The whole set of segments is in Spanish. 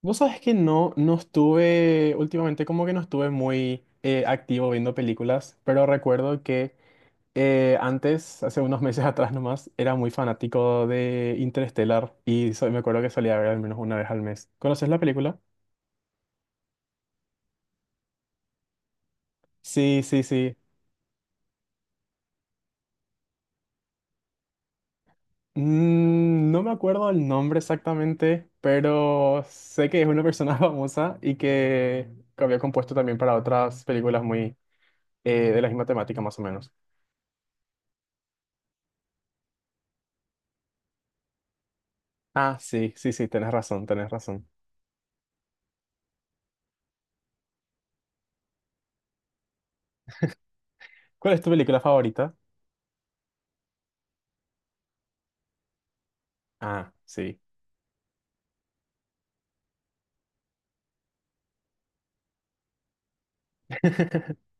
Vos sabés que no, no estuve, últimamente como que no estuve muy activo viendo películas, pero recuerdo que antes, hace unos meses atrás nomás, era muy fanático de Interstellar me acuerdo que solía ver al menos una vez al mes. ¿Conoces la película? Sí, sí, sí. No me acuerdo el nombre exactamente, pero sé que es una persona famosa y que había compuesto también para otras películas muy de la misma temática más o menos. Ah, sí, sí, sí, tenés razón, tenés razón. ¿Cuál es tu película favorita? Ah, sí.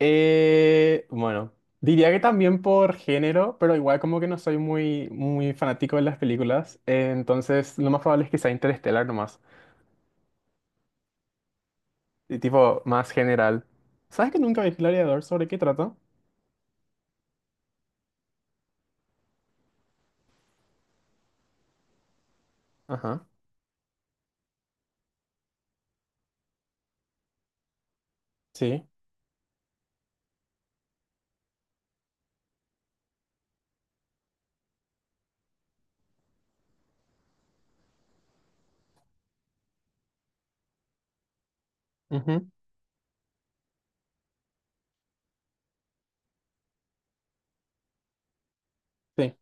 Bueno, diría que también por género, pero igual como que no soy muy, muy fanático de las películas, entonces lo más probable es que sea Interestelar, nomás, y tipo más general. ¿Sabes que nunca vi Gladiador? ¿Sobre qué trata? Ajá, sí. Ujú, sí.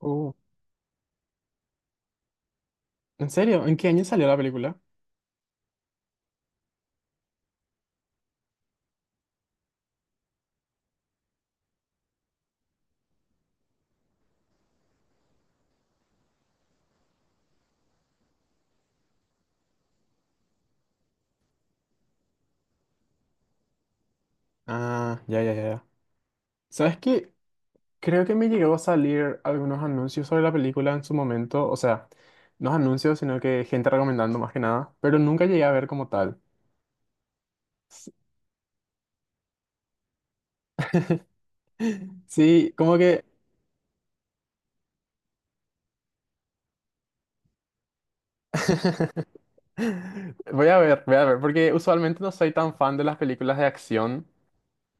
Uh, ¿En serio? ¿En qué año salió la película? Ah, ya, ya, ya. Ya. ¿Sabes qué? Creo que me llegó a salir algunos anuncios sobre la película en su momento, o sea, no anuncios, sino que gente recomendando más que nada, pero nunca llegué a ver como tal. Sí, como que. Voy a ver, porque usualmente no soy tan fan de las películas de acción,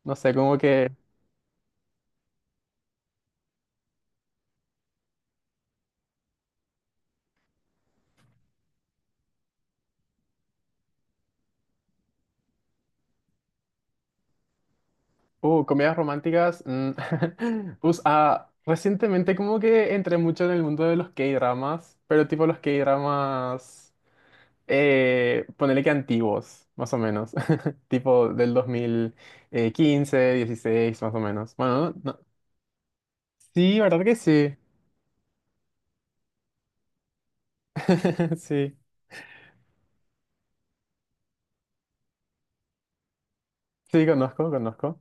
no sé, como que. Comedias románticas. Recientemente como que entré mucho en el mundo de los K-dramas, pero tipo los K-dramas. Ponele que antiguos, más o menos. Tipo del 2015, 16 más o menos. Bueno, sí, ¿verdad que sí? Sí, sí, conozco, conozco.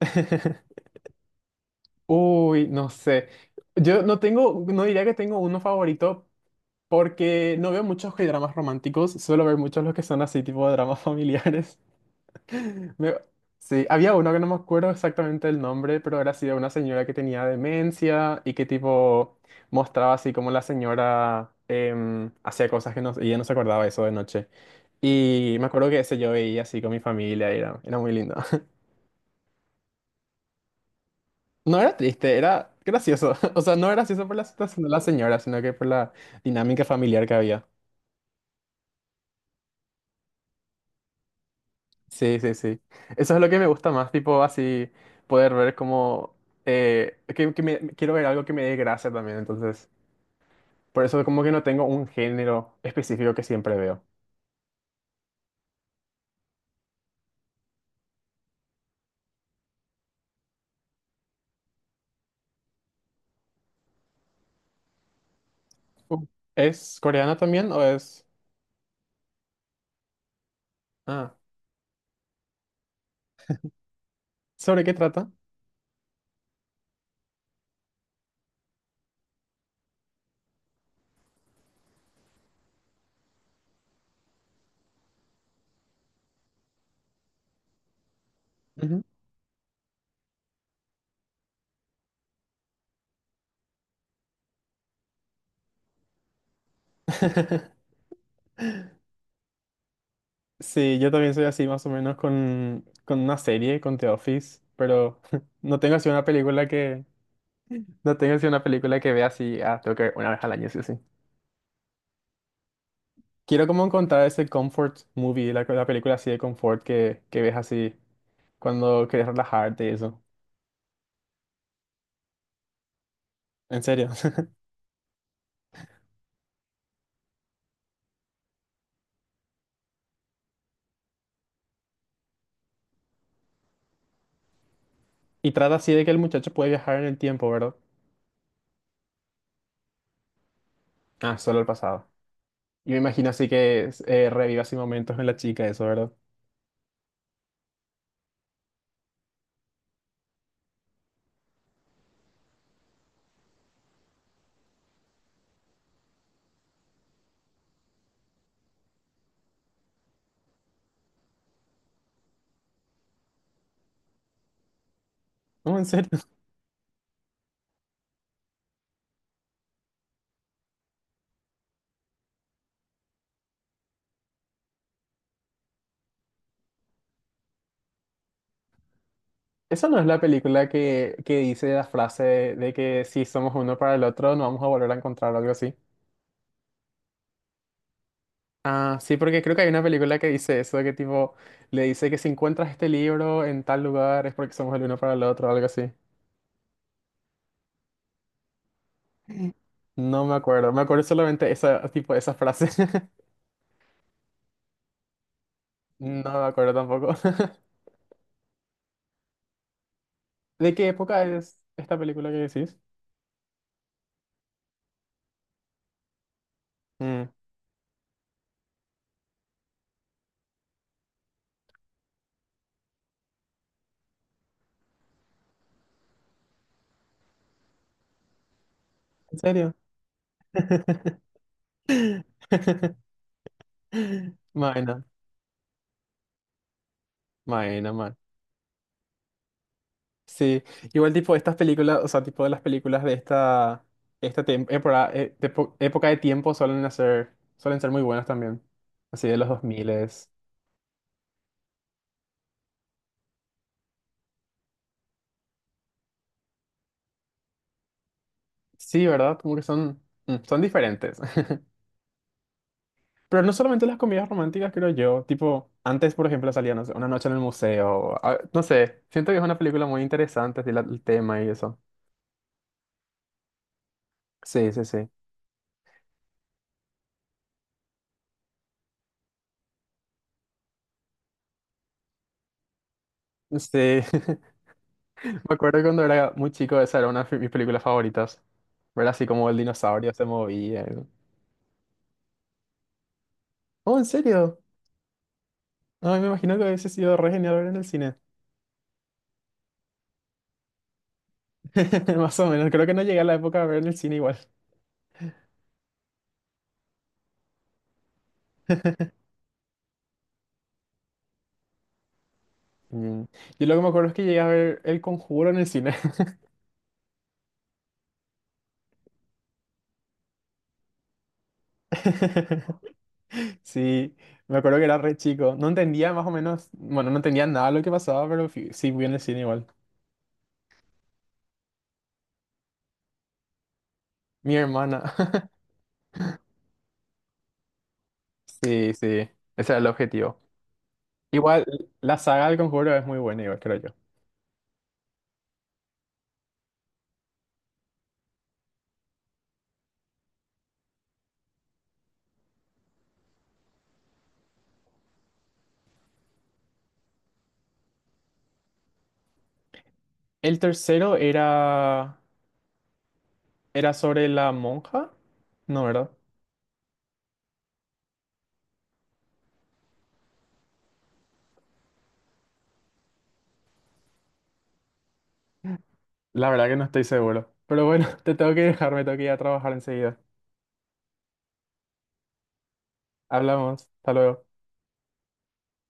Uy, no sé. Yo no tengo, no diría que tengo uno favorito porque no veo muchos dramas románticos, suelo ver muchos los que son así tipo de dramas familiares. Me- Sí, había uno que no me acuerdo exactamente el nombre, pero era así de una señora que tenía demencia y que tipo mostraba así como la señora hacía cosas que no, y ella no se acordaba eso de noche. Y me acuerdo que ese yo veía así con mi familia y era muy lindo. No era triste, era gracioso. O sea, no era gracioso por la situación de la señora, sino que por la dinámica familiar que había. Sí, sí, sí. Eso es lo que me gusta más, tipo así poder ver como, quiero ver algo que me dé gracia también, entonces. Por eso como que no tengo un género específico que siempre veo. Uh, ¿Es coreana también o es? Ah, ¿sobre qué trata? Ujú. Sí, yo también soy así más o menos con, una serie, con The Office, pero no tengo así una película que. No tengo así una película que vea así, ah, tengo que ver una vez al año, sí, quiero como encontrar ese comfort movie, la película así de confort que ves así cuando quieres relajarte y eso. En serio. Y trata así de que el muchacho puede viajar en el tiempo, ¿verdad? Ah, solo al pasado. Y me imagino así que reviva así momentos en la chica, eso, ¿verdad? No, en serio. Esa no es la película que dice la frase de que si somos uno para el otro, no vamos a volver a encontrar o algo así. Ah, sí, porque creo que hay una película que dice eso, que tipo, le dice que si encuentras este libro en tal lugar es porque somos el uno para el otro, algo así. No me acuerdo, me acuerdo solamente esa, tipo, esa frase. No me acuerdo tampoco. ¿De qué época es esta película que decís? Mm, ¿en serio? Bueno, bueno, man. Sí, igual tipo estas películas, o sea, tipo de las películas de esta, época, época de tiempo suelen ser muy buenas también. Así de los 2000. Sí, ¿verdad? Como que son, son diferentes. Pero no solamente las comidas románticas, creo yo. Tipo, antes, por ejemplo, salía, no sé, una noche en el museo. No sé, siento que es una película muy interesante, así, el tema y eso. Sí, sí, sí. Sí, me acuerdo cuando era muy chico, esa era una de mis películas favoritas. Ver así como el dinosaurio se movía. Oh, ¿en serio? Ay, me imagino que hubiese sido re genial ver en el cine. Más o menos, creo que no llegué a la época de ver en el cine igual. Mm. Yo lo que me acuerdo es que llegué a ver El Conjuro en el cine. Sí, me acuerdo que era re chico. No entendía más o menos, bueno, no entendía nada de lo que pasaba, pero sí fui en el cine igual. Mi hermana. Sí, sí, ese era el objetivo. Igual, la saga del Conjuro es muy buena, igual, creo yo. El tercero era sobre la monja, ¿no, verdad? La verdad que no estoy seguro. Pero bueno, te tengo que dejar, me tengo que ir a trabajar enseguida. Hablamos, hasta luego.